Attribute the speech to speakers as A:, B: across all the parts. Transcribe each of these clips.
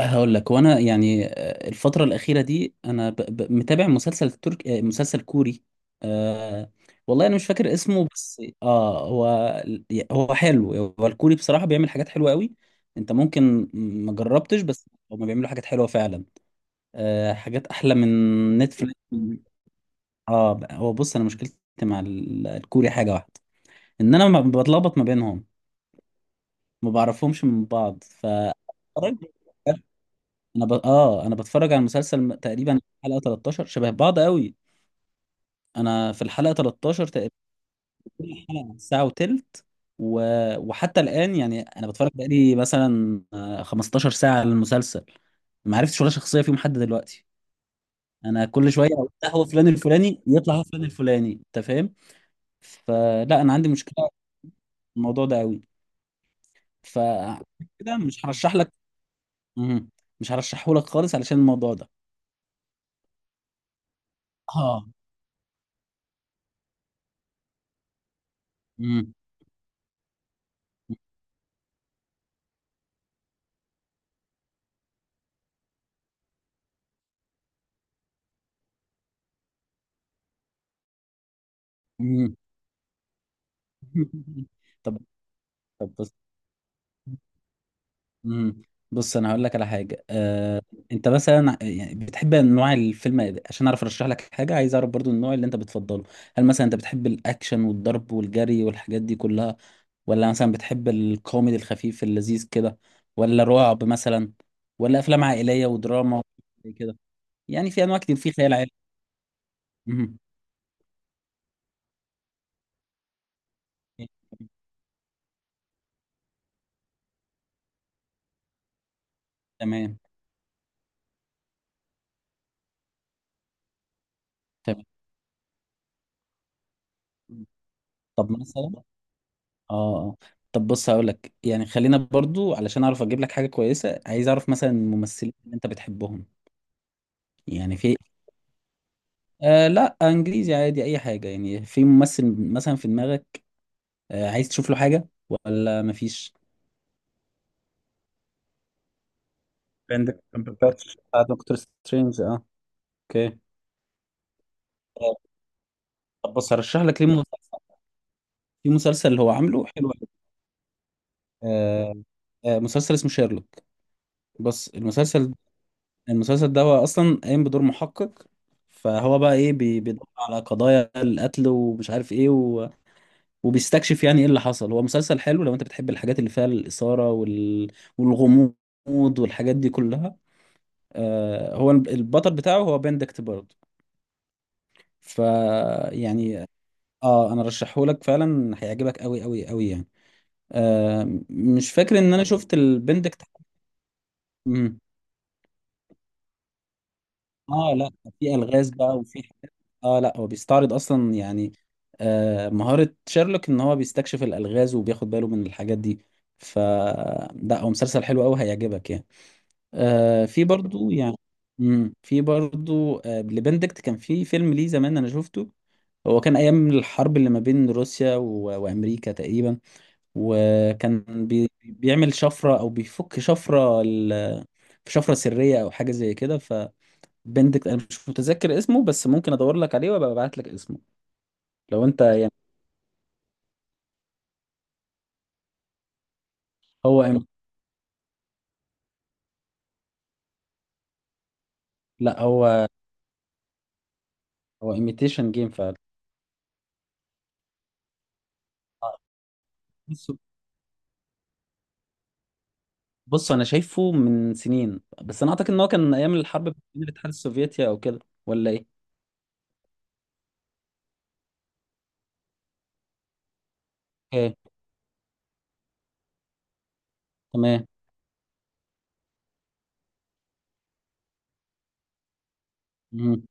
A: هقول لك وانا يعني الفترة الأخيرة دي انا متابع مسلسل ترك، مسلسل كوري. أه... والله انا مش فاكر اسمه، بس هو حلو. هو الكوري بصراحة بيعمل حاجات حلوة قوي. انت ممكن ما جربتش، بس هما بيعملوا حاجات حلوة فعلا. حاجات احلى من نتفليكس. اه هو بص، انا مشكلتي مع الكوري حاجة واحدة، ان انا ما بتلخبط ما بينهم، ما بعرفهمش من بعض. انا ب... اه انا بتفرج على المسلسل تقريبا حلقة 13، شبه بعض قوي. انا في الحلقة 13 تقريبا، حلقة ساعة وتلت. و... وحتى الآن يعني انا بتفرج بقالي مثلا 15 ساعة على المسلسل، ما عرفتش ولا شخصية فيهم حد دلوقتي. انا كل شوية أقول ده هو فلان الفلاني، يطلع هو فلان الفلاني، انت فاهم؟ فلا انا عندي مشكلة في الموضوع ده قوي. ف كده مش هرشح لك. مهم. مش هرشحه لك خالص علشان الموضوع ده. اه. مهم. مهم. طب. طب بص. مم. بص انا هقول لك على حاجه. انت مثلا يعني بتحب انواع الفيلم إيه؟ عشان اعرف ارشح لك حاجه، عايز اعرف برضو النوع اللي انت بتفضله. هل مثلا انت بتحب الاكشن والضرب والجري والحاجات دي كلها، ولا مثلا بتحب الكوميدي الخفيف اللذيذ كده، ولا رعب مثلا، ولا افلام عائليه ودراما زي كده؟ يعني في انواع كتير، في خيال علمي. مم. تمام. تمام. طب مثلا. اه آه. طب بص، هقول لك يعني، خلينا برضو، علشان اعرف اجيب لك حاجه كويسه عايز اعرف مثلا الممثلين اللي انت بتحبهم. يعني في. لا، انجليزي عادي اي حاجه. يعني في ممثل مثلا في دماغك، عايز تشوف له حاجه ولا مفيش؟ بند كامبرباتش بتاع دكتور سترينج، اه. اوكي. آه، طب بص هرشح لك ليه مسلسل. في مسلسل اللي هو عامله حلو أوي. آه مسلسل اسمه شيرلوك. بص. المسلسل ده هو اصلا قايم بدور محقق، فهو بقى ايه بيدور على قضايا القتل ومش عارف ايه، وبيستكشف يعني ايه اللي حصل. هو مسلسل حلو لو انت بتحب الحاجات اللي فيها الاثاره والغموض والحاجات دي كلها. هو البطل بتاعه هو بندكت برضه. ف يعني اه انا رشحهولك فعلا، هيعجبك قوي قوي قوي يعني. مش فاكر ان انا شفت البندكت. مم. اه، لا، في الغاز بقى، وفي، اه لا، هو بيستعرض اصلا يعني مهارة شيرلوك ان هو بيستكشف الالغاز، وبياخد باله من الحاجات دي. ف لا، هو مسلسل حلو قوي هيعجبك يعني. في برضو يعني، في برضو لبندكت كان في فيلم ليه زمان انا شفته. هو كان ايام الحرب اللي ما بين روسيا وامريكا تقريبا، وكان بيعمل شفرة او بيفك شفرة في شفرة سرية او حاجة زي كده. بندكت، انا مش متذكر اسمه، بس ممكن ادور لك عليه وابقى ابعت لك اسمه، لو انت يعني. هو إم... لا، هو ايميتيشن جيم فعلا. بص بص انا شايفه من سنين، بس انا اعتقد ان هو كان ايام الحرب بين الاتحاد السوفيتي او كده، ولا ايه؟ اوكي. تمام. مم.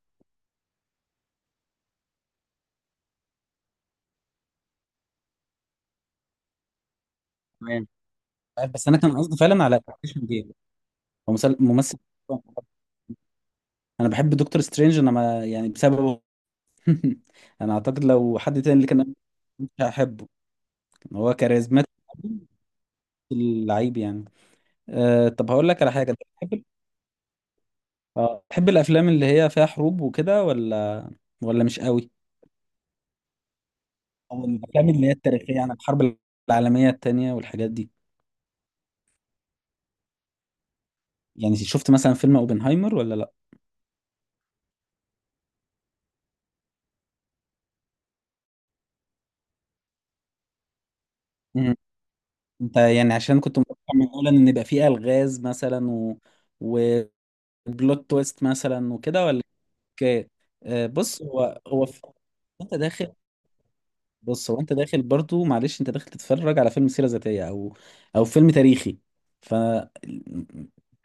A: تمام. بس انا كان قصدي فعلا على ايميتيشن جيم. هو ممثل، انا بحب دكتور سترينج، انا ما يعني بسببه. انا اعتقد لو حد تاني اللي كان، مش هحبه. هو كاريزماتيك، اللعيب يعني. طب هقول لك على حاجه. اه تحب الافلام اللي هي فيها حروب وكده ولا، ولا مش قوي؟ او الافلام اللي هي التاريخيه عن الحرب العالميه التانية والحاجات دي، يعني شفت مثلا فيلم اوبنهايمر ولا لا؟ مم. انت يعني عشان كنت متوقع من اولا ان يبقى فيه الغاز مثلا وبلوت تويست مثلا وكده، ولا ك... بص هو انت داخل. بص، انت داخل برضو، معلش، انت داخل تتفرج على فيلم سيره ذاتيه، او فيلم تاريخي. ف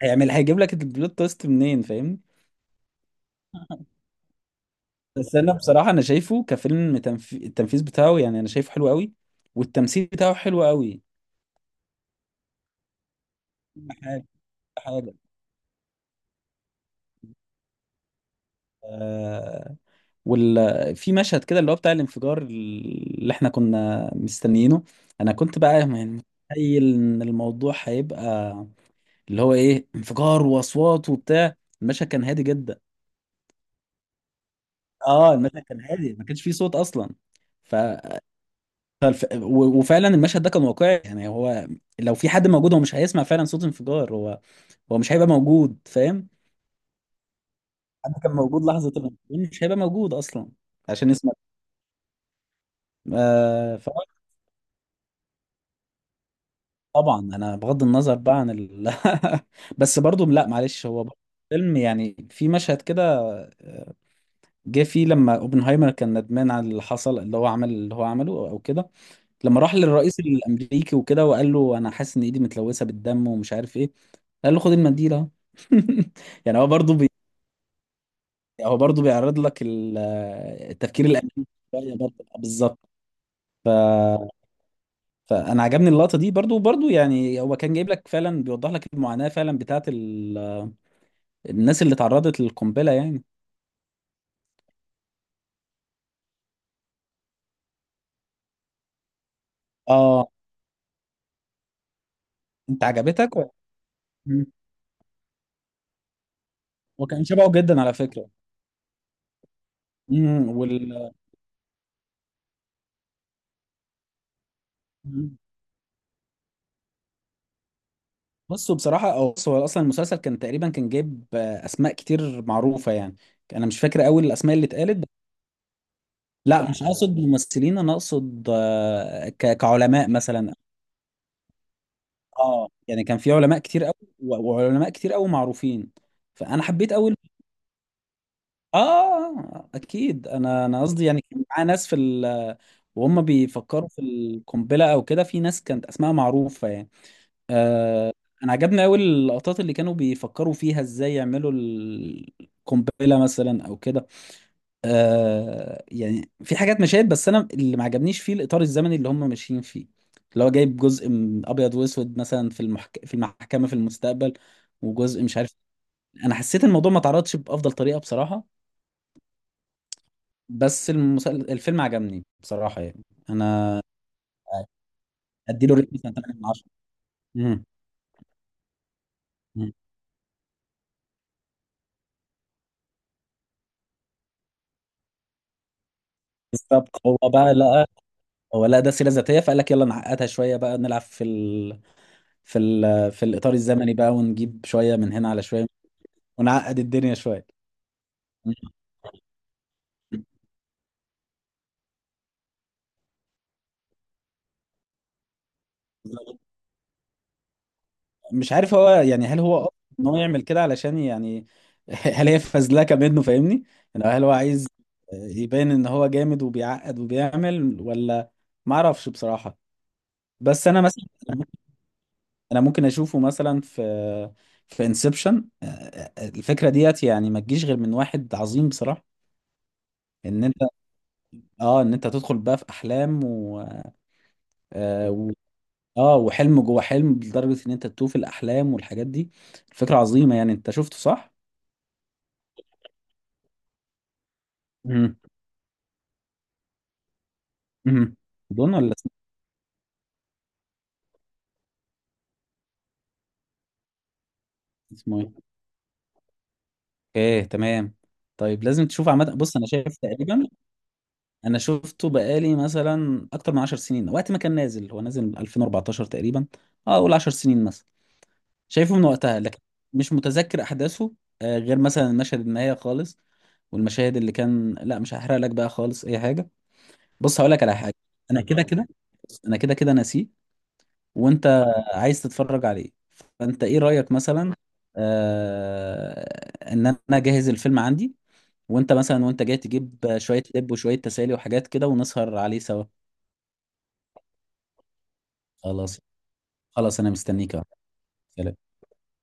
A: هيجيب لك البلوت تويست منين، فاهمني؟ بس انا بصراحه انا شايفه كفيلم، التنفيذ بتاعه يعني انا شايفه حلو قوي، والتمثيل بتاعه حلو قوي. كل حاجه، كل حاجه. آه... في مشهد كده اللي هو بتاع الانفجار اللي احنا كنا مستنيينه، انا كنت بقى يعني متخيل ان الموضوع هيبقى اللي هو ايه، انفجار واصوات وبتاع. المشهد كان هادي جدا. اه المشهد كان هادي، ما كانش فيه صوت اصلا. ف وفعلا المشهد ده كان واقعي يعني. هو لو في حد موجود، هو مش هيسمع فعلا صوت انفجار. هو مش هيبقى موجود، فاهم. حد كان موجود لحظة الانفجار، مش هيبقى موجود اصلا عشان يسمع. آه ف- طبعا انا بغض النظر بقى عن بس برضو، لا معلش، هو برضو فيلم يعني. في مشهد كده جه فيه لما اوبنهايمر كان ندمان على اللي حصل، اللي هو عمل اللي هو عمله او كده. لما راح للرئيس الامريكي وكده وقال له: انا حاسس ان ايدي متلوثه بالدم ومش عارف ايه، قال له: خد المنديل اهو. يعني هو برضه هو برضه بيعرض لك التفكير الامريكي شوية برضه، بالظبط. ف... فانا عجبني اللقطه دي برضه برضه يعني، هو كان جايب لك فعلا، بيوضح لك المعاناه فعلا بتاعت الناس اللي تعرضت للقنبله يعني. اه، انت عجبتك. مم. وكان شبهه جدا على فكره. امم وال... بصوا بصراحة أو بص، هو أصلا المسلسل كان تقريبا جايب أسماء كتير معروفة يعني. أنا مش فاكر أوي الأسماء اللي اتقالت بس. لا، مش أقصد ممثلين، أنا أقصد، كعلماء مثلا. يعني كان في علماء كتير أوي، وعلماء كتير أوي معروفين، فأنا حبيت أوي. آه أكيد، أنا قصدي يعني كان معاه ناس في ال، وهم بيفكروا في القنبلة أو كده، في ناس كانت أسماء معروفة يعني. آه، انا عجبني قوي اللقطات اللي كانوا بيفكروا فيها ازاي يعملوا القنبله مثلا او كده. يعني في حاجات، مشاهد، بس انا اللي ما عجبنيش فيه الاطار الزمني اللي هم ماشيين فيه. اللي هو جايب جزء من ابيض واسود مثلا في المحكمه في المستقبل، وجزء مش عارف. انا حسيت الموضوع ما اتعرضش بافضل طريقه بصراحه. بس الفيلم عجبني بصراحه يعني. انا اديله ريت مثلا 8 من 10. مم. مم. بالظبط. هو بقى، لا، هو لا، ده سيره ذاتيه، فقال لك يلا نعقدها شويه بقى، نلعب في في الاطار الزمني بقى، ونجيب شويه من هنا على شويه، ونعقد الدنيا شويه. مش عارف هو يعني، هل هو قصد ان هو يعمل كده علشان يعني هل هي فزلكه منه فاهمني؟ يعني هل هو عايز يبين ان هو جامد وبيعقد وبيعمل ولا، ما اعرفش بصراحه. بس انا مثلا، انا ممكن اشوفه مثلا في انسبشن، الفكره ديت يعني ما تجيش غير من واحد عظيم بصراحه. ان انت اه ان انت تدخل بقى في احلام، و اه و- آه، وحلم جوه حلم، لدرجة ان انت تتوه في الاحلام والحاجات دي. الفكرة عظيمة، يعني انت شفته صح؟ امم امم دون ولا اسمه ايه؟ ايه تمام. طيب لازم تشوف عامة. بص انا شايف تقريبا، انا شفته بقالي مثلا اكتر من 10 سنين، وقت ما كان نازل، هو نازل 2014 تقريبا. اه اقول 10 سنين مثلا. شايفه من وقتها، لكن مش متذكر احداثه، غير مثلا المشهد النهاية خالص والمشاهد اللي كان. لا، مش هحرق لك بقى خالص اي حاجة. بص هقول لك على حاجه. انا كده كده انا كده كده ناسيه، وانت عايز تتفرج عليه. فانت ايه رايك مثلا، ان انا اجهز الفيلم عندي، وانت مثلا، وانت جاي تجيب شويه لب وشويه تسالي وحاجات كده، ونسهر عليه سوا؟ خلاص. خلاص انا مستنيك أهو. سلام.